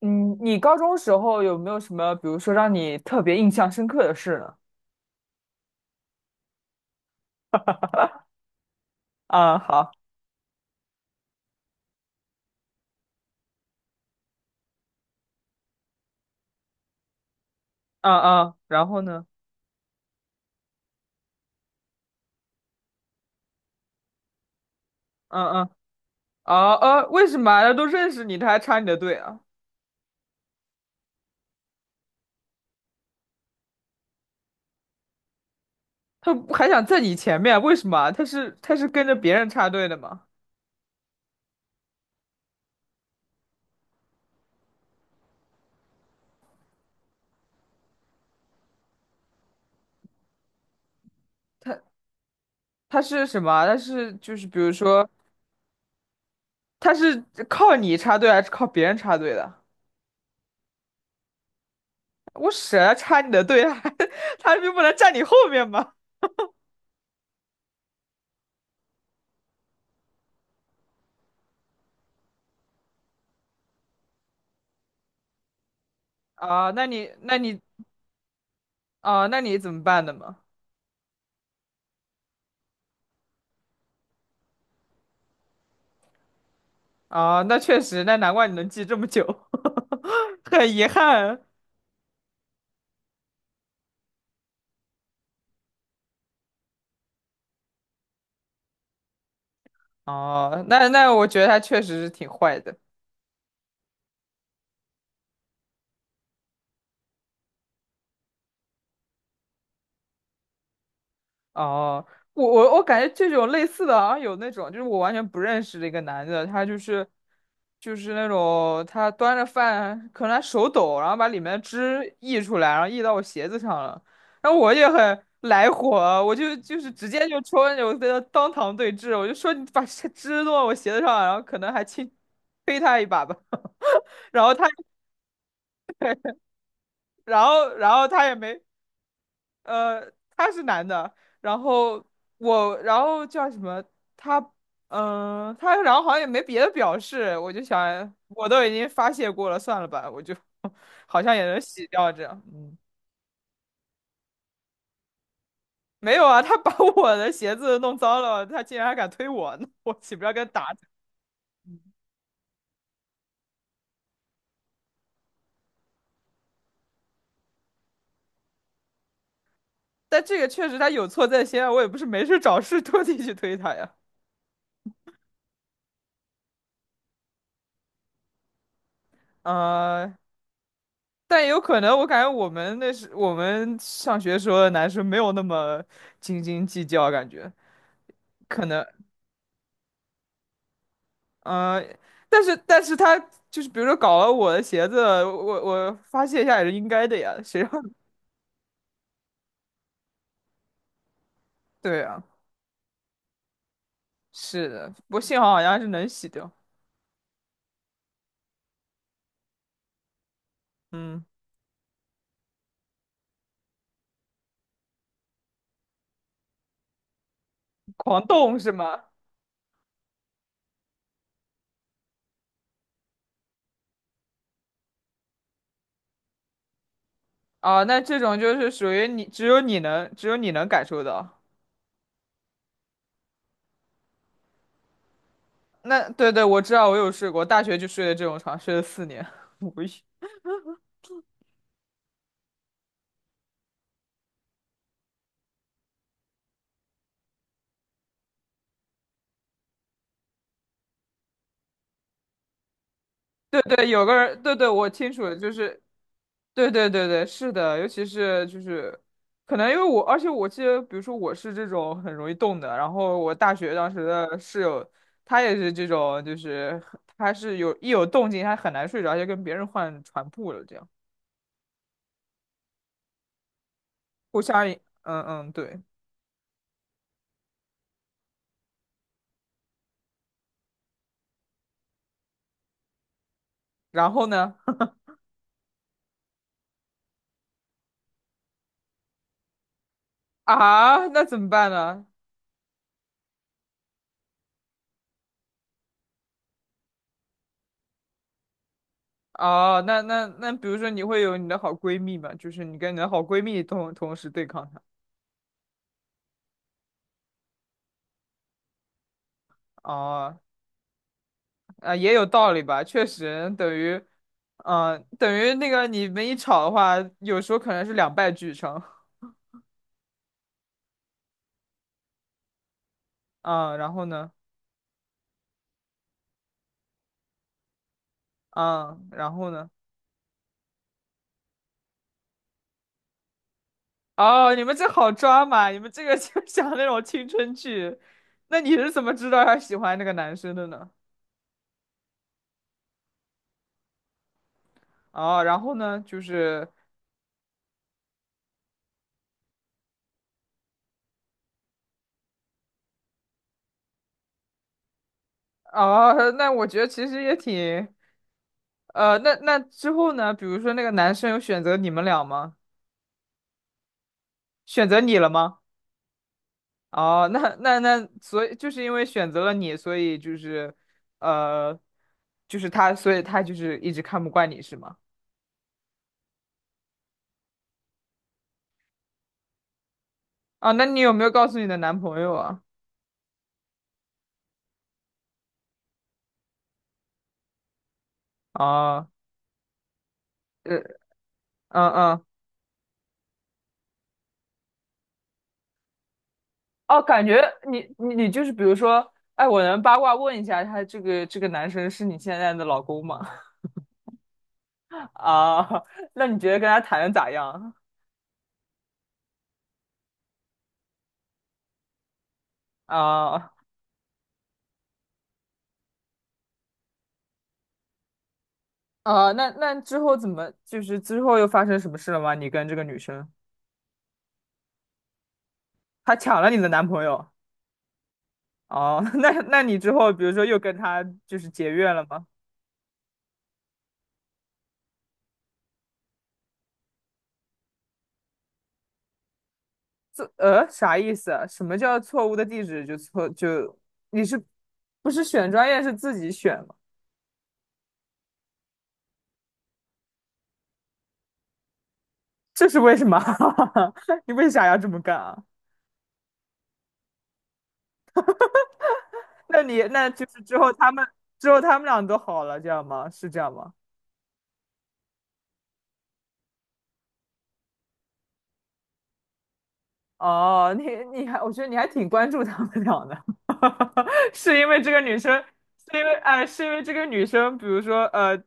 嗯，你高中时候有没有什么，比如说让你特别印象深刻的事呢？啊，好，嗯嗯，然后呢？嗯嗯，啊为什么啊他都认识你，他还插你的队啊？他还想在你前面，为什么啊他是跟着别人插队的吗？他他是什么啊他是就是比如说，他是靠你插队还是靠别人插队的？我舍得插你的队啊，还 他就不能站你后面吗？啊，那你啊，那你怎么办的嘛？啊，那确实，那难怪你能记这么久，很遗憾。哦，那那我觉得他确实是挺坏的。哦，我感觉这种类似的，好像有那种，就是我完全不认识的一个男的，他就是就是那种他端着饭，可能他手抖，然后把里面的汁溢出来，然后溢到我鞋子上了，然后我也很来火，我直接就戳着我跟他当堂对峙，我就说你把这汁弄到我鞋子上，然后可能还轻推他一把吧，然后他然后然后他也没。呃，他是男的，然后我，然后叫什么？他，他然后好像也没别的表示，我就想，我都已经发泄过了，算了吧，我就 好像也能洗掉这样。嗯，没有啊，他把 我的鞋子弄脏了，他竟然还敢推我呢，我岂不是要跟他打起来。但这个确实他有错在先啊，我也不是没事找事特地去推他呀。呃，但也有可能，我感觉我们上学时候的男生没有那么斤斤计较，感觉。可能，呃，但是他就是比如说搞了我的鞋子，我发泄一下也是应该的呀，谁让？对啊，是的，不过幸好好像是能洗掉，嗯，狂动是吗？啊，那这种就是属于你，只有你能感受到。那对对，我知道，我有睡过，大学就睡的这种床，睡了四年，无语。对对，有个人，对对，我清楚了，就是，对对对对，是的，尤其是就是，可能因为我，而且我记得，比如说我是这种很容易动的，然后我大学当时的室友，她也是这种，就是她是有动静，她很难睡着，就跟别人换床铺了，这样互相影嗯嗯，对，然后呢，啊，那怎么办呢？哦，那那那，比如说你会有你的好闺蜜嘛，就是你跟你的好闺蜜同时对抗她。哦，啊，也有道理吧，确实等于，等于那个你们一吵的话，有时候可能是两败俱伤。嗯，然后呢？嗯，然后呢？哦，你们这好抓嘛，你们这个就 像那种青春剧。那你是怎么知道他喜欢那个男生的呢？哦，然后呢，就是，哦，那我觉得其实也挺，那那之后呢？比如说那个男生有选择你们俩吗？选择你了吗？哦，那那那，所以就是因为选择了你，所以就是，呃，就是他，所以他就是一直看不惯你是吗？啊，那你有没有告诉你的男朋友啊？啊，呃，嗯嗯，哦，感觉你就是比如说，哎，我能八卦问一下，他这个这个男生是你现在的老公吗？啊，那你觉得跟他谈的咋样？啊啊，那那之后怎么就是之后又发生什么事了吗？你跟这个女生，她抢了你的男朋友？哦，那那你之后比如说又跟他就是结怨了吗？这啥意思啊什么叫错误的地址就错就你是不是选专业是自己选吗？这是为什么？你为啥要这么干啊？那你那就是之后他们之后他们俩都好了，这样吗？是这样吗？哦，你还我觉得你还挺关注他们俩的，是因为这个女生，是因为是因为这个女生，比如说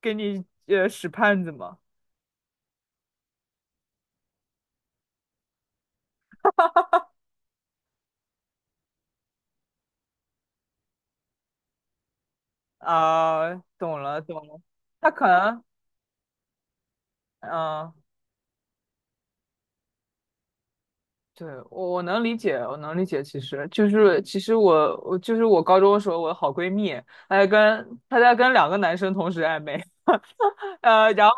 给你使绊子吗？啊，懂了懂了，他可能，嗯、对，我能理解，我能理解。其实就是其实我我就是我高中的时候，我的好闺蜜，她在跟两个男生同时暧昧，然后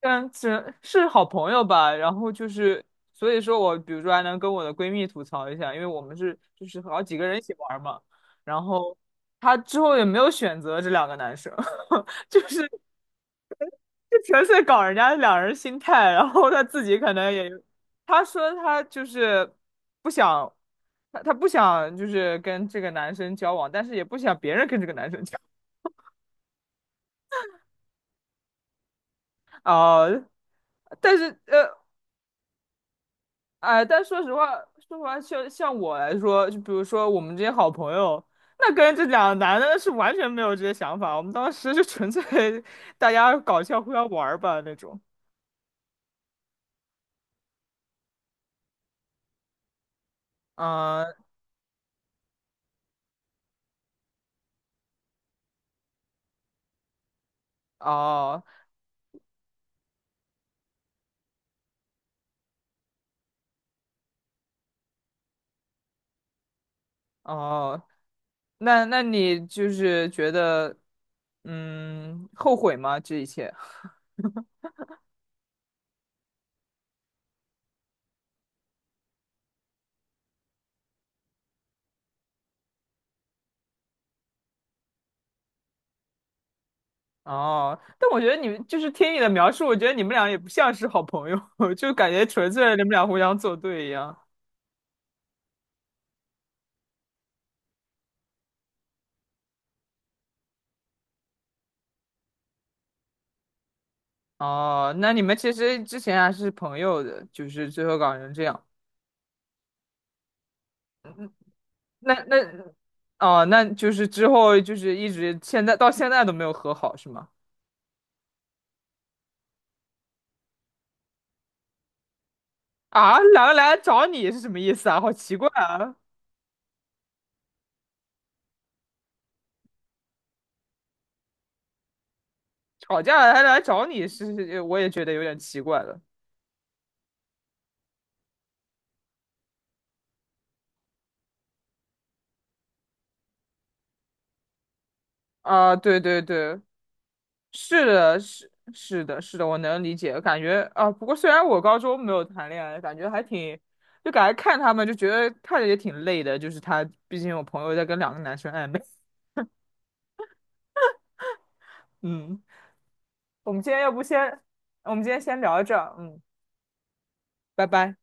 跟是是好朋友吧，然后就是所以说我比如说还能跟我的闺蜜吐槽一下，因为我们是好几个人一起玩嘛，然后她之后也没有选择这两个男生。就是就纯粹搞人家两人心态，然后他自己可能也，他说他就是不想，他不想就是跟这个男生交往，但是也不想别人跟这个男生交往。哦、但是呃但说实话，说实话，像我来说，就比如说我们这些好朋友，那跟这两个男的是完全没有这些想法，我们当时就纯粹大家搞笑互相玩儿吧那种。嗯，哦哦。那那你就是觉得，嗯，后悔吗？这一切？哦，但我觉得你们就是听你的描述，我觉得你们俩也不像是好朋友，就感觉纯粹你们俩互相作对一样。哦，那你们其实之前还是朋友的，就是最后搞成这样。嗯，那那，哦，那就是之后就是一直现在到现在都没有和好，是吗？啊，两个来找你是什么意思啊？好奇怪啊！吵架了还来找你，是是我也觉得有点奇怪了。啊，对对对，是的，是是的，是的，我能理解。感觉啊，不过虽然我高中没有谈恋爱，感觉还挺，就感觉看他们就觉得看着也挺累的。就是他，毕竟有朋友在跟两个男生暧昧。嗯，我们今天要不先，我们今天先聊到这儿。嗯，拜拜。